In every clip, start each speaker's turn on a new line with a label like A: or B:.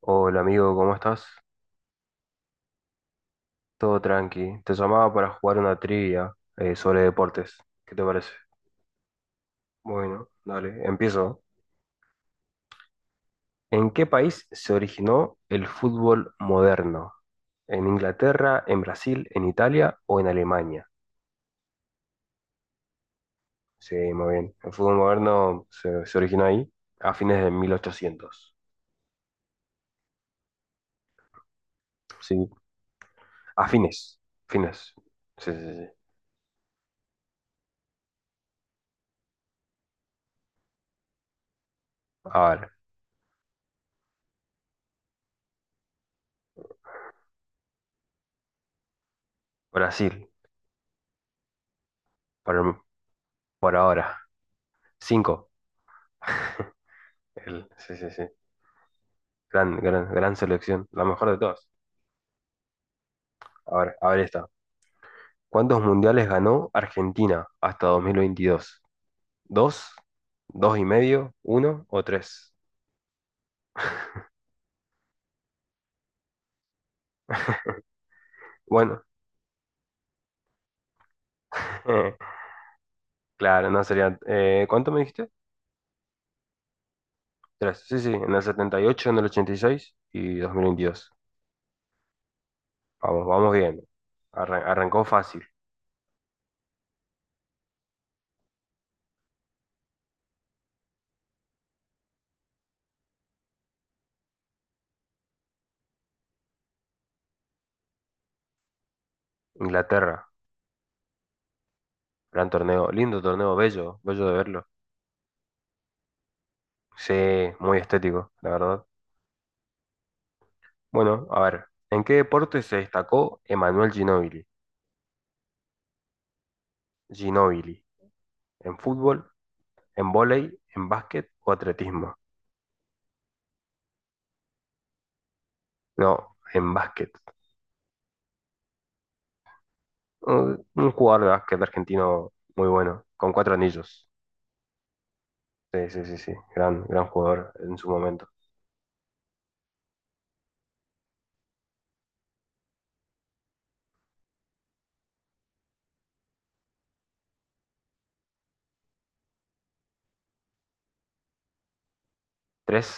A: Hola amigo, ¿cómo estás? Todo tranqui. Te llamaba para jugar una trivia sobre deportes. ¿Qué te parece? Bueno, dale, empiezo. ¿En qué país se originó el fútbol moderno? ¿En Inglaterra, en Brasil, en Italia o en Alemania? Sí, muy bien. El fútbol moderno se originó ahí a fines de 1800. Sí, a fines. Fines. Sí, sí, sí. A ver, Brasil, por, por ahora. Cinco. El, sí, sí, sí. Gran selección, la mejor de todas. A ver esta. ¿Cuántos mundiales ganó Argentina hasta 2022? ¿Dos? ¿Dos y medio? ¿Uno o tres? Bueno, claro, no sería, ¿cuánto me dijiste? Tres. Sí, sí, en el 78, en el 86 y 2022. Vamos, vamos bien. Arrancó fácil. Inglaterra, gran torneo, lindo torneo, bello, bello de verlo. Sí, muy estético, la verdad. Bueno, a ver, ¿en qué deporte se destacó Emanuel Ginóbili? ¿Ginóbili? ¿En fútbol, en vóley, en básquet o atletismo? No, en básquet. Un jugador de básquet argentino muy bueno, con cuatro anillos. Sí, sí, sí, sí. Gran jugador en su momento. ¿Tres?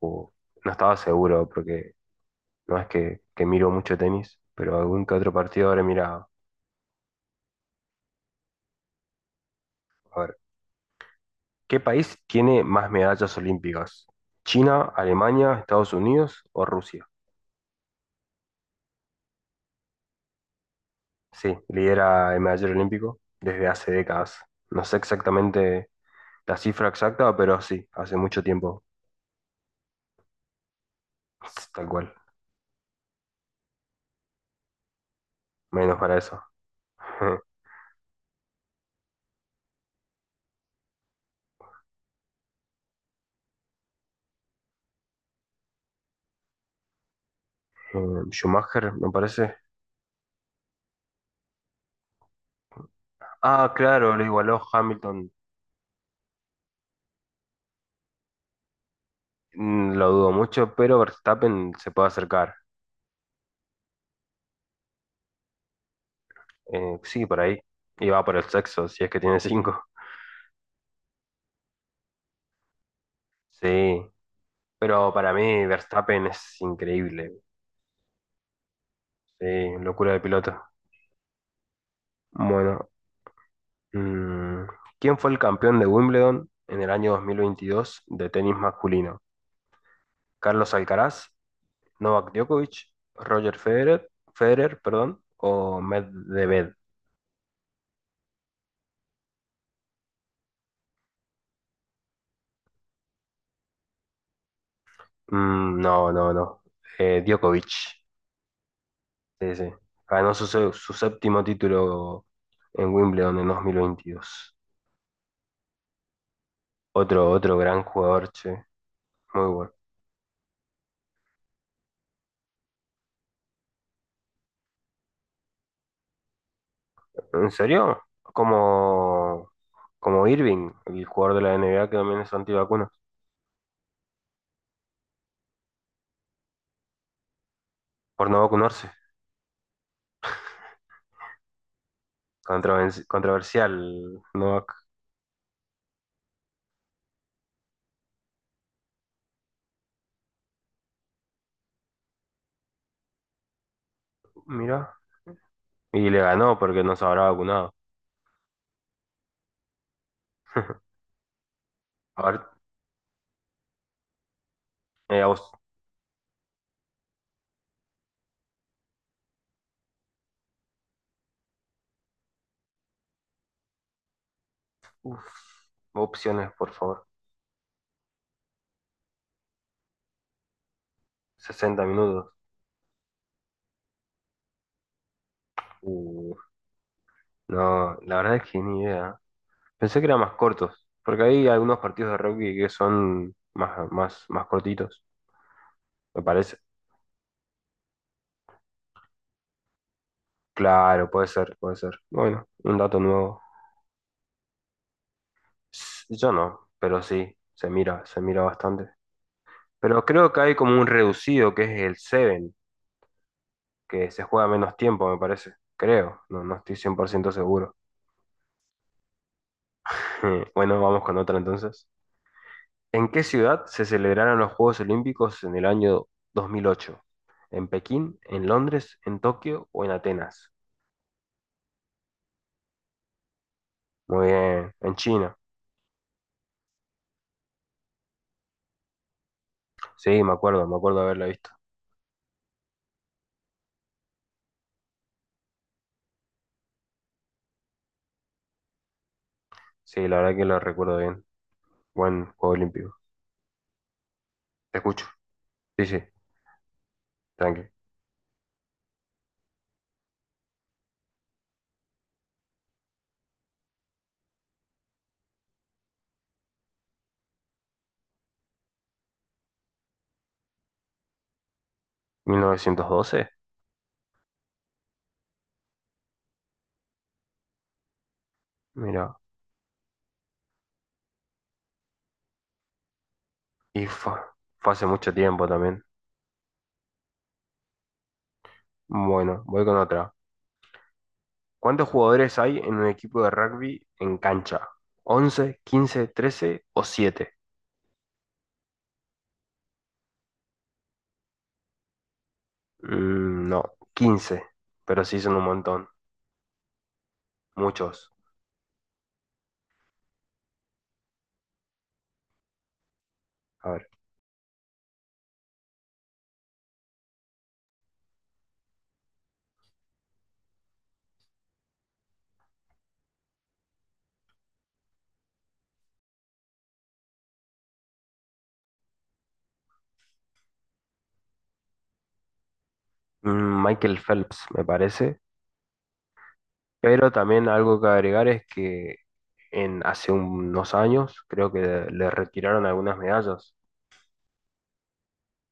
A: Uh, no estaba seguro porque no es que miro mucho tenis, pero algún que otro partido habré mirado. A ver, ¿qué país tiene más medallas olímpicas? ¿China, Alemania, Estados Unidos o Rusia? Sí, lidera el medallero olímpico desde hace décadas. No sé exactamente la cifra exacta, pero sí, hace mucho tiempo. Tal cual, menos para eso. Eh, Schumacher, me parece. Ah, claro, lo igualó Hamilton. Mm, lo dudo mucho, pero Verstappen se puede acercar. Sí, por ahí. Y va por el sexo, si es que tiene cinco. Sí, pero para mí Verstappen es increíble. Sí, locura de piloto. Bueno. Mm, ¿Quién fue el campeón de Wimbledon en el año 2022 de tenis masculino? ¿Carlos Alcaraz, Novak Djokovic, Roger Federer, Federer, perdón, o Medvedev? Mm, no, no, no. Djokovic. Sí, sí. Ganó su, su séptimo título en Wimbledon en 2022. Otro, otro gran jugador, che. Muy bueno. ¿En serio? Como, como Irving, el jugador de la NBA que también es antivacuna, por no vacunarse. Controversial, Novak, mira. Y le ganó porque no se habrá vacunado. A ver, eh, aus- uf, opciones, por favor. 60 minutos. Uh, no, la verdad es que ni idea. Pensé que eran más cortos, porque hay algunos partidos de rugby que son más, más, más cortitos, me parece. Claro, puede ser, puede ser. Bueno, un dato nuevo. Yo no, pero sí, se mira bastante. Pero creo que hay como un reducido que es el 7, que se juega menos tiempo, me parece. Creo, no, no estoy 100% seguro. Bueno, vamos con otra entonces. ¿En qué ciudad se celebraron los Juegos Olímpicos en el año 2008? ¿En Pekín, en Londres, en Tokio o en Atenas? Muy bien, en China. Sí, me acuerdo haberla visto. Sí, la verdad que lo recuerdo bien. Buen Juego Olímpico. Te escucho. Sí, sí, tranqui. ¿1912? Mira, y fue hace mucho tiempo también. Bueno, voy con otra. ¿Cuántos jugadores hay en un equipo de rugby en cancha? ¿11, 15, 13 o 7? Mm, no, 15, pero sí son un montón, muchos. A ver, Michael Phelps me parece, pero también algo que agregar es que en hace unos años creo que le retiraron algunas medallas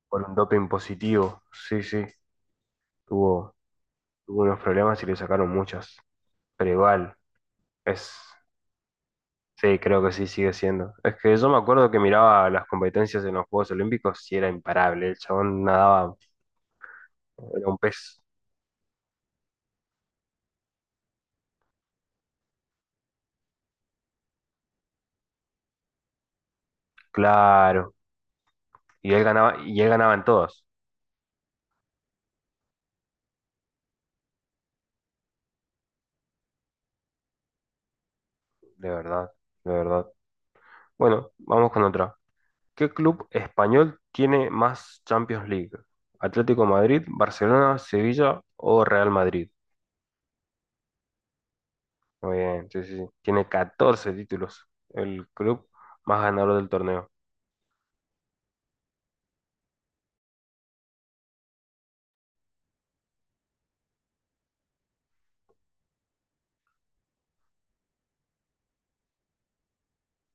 A: por un doping positivo. Sí, sí, tuvo, tuvo unos problemas y le sacaron muchas, pero igual es. Sí, creo que sí sigue siendo. Es que yo me acuerdo que miraba las competencias en los Juegos Olímpicos y era imparable. El chabón nadaba, era un pez claro. Y él ganaba en todas. De verdad, de verdad. Bueno, vamos con otra. ¿Qué club español tiene más Champions League? ¿Atlético Madrid, Barcelona, Sevilla o Real Madrid? Muy bien, sí, sí, sí. Tiene 14 títulos. El club más ganador del torneo.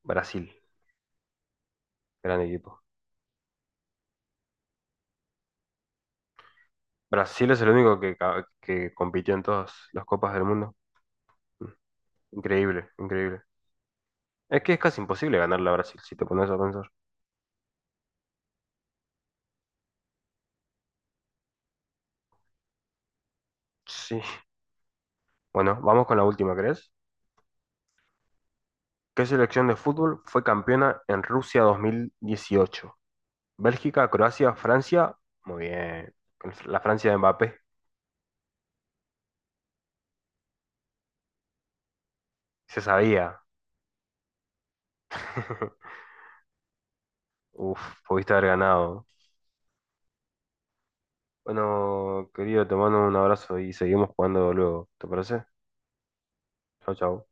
A: Brasil, gran equipo. Brasil es el único que, que compitió en todas las copas del mundo. Mm, increíble, increíble. Es que es casi imposible ganarle a Brasil, si te pones a pensar. Sí. Bueno, vamos con la última, ¿crees? ¿Qué selección de fútbol fue campeona en Rusia 2018? Bélgica, Croacia, Francia. Muy bien. La Francia de Mbappé. Se sabía. Uf, pudiste haber ganado. Bueno, querido, te mando un abrazo y seguimos jugando luego. ¿Te parece? Chao, chao.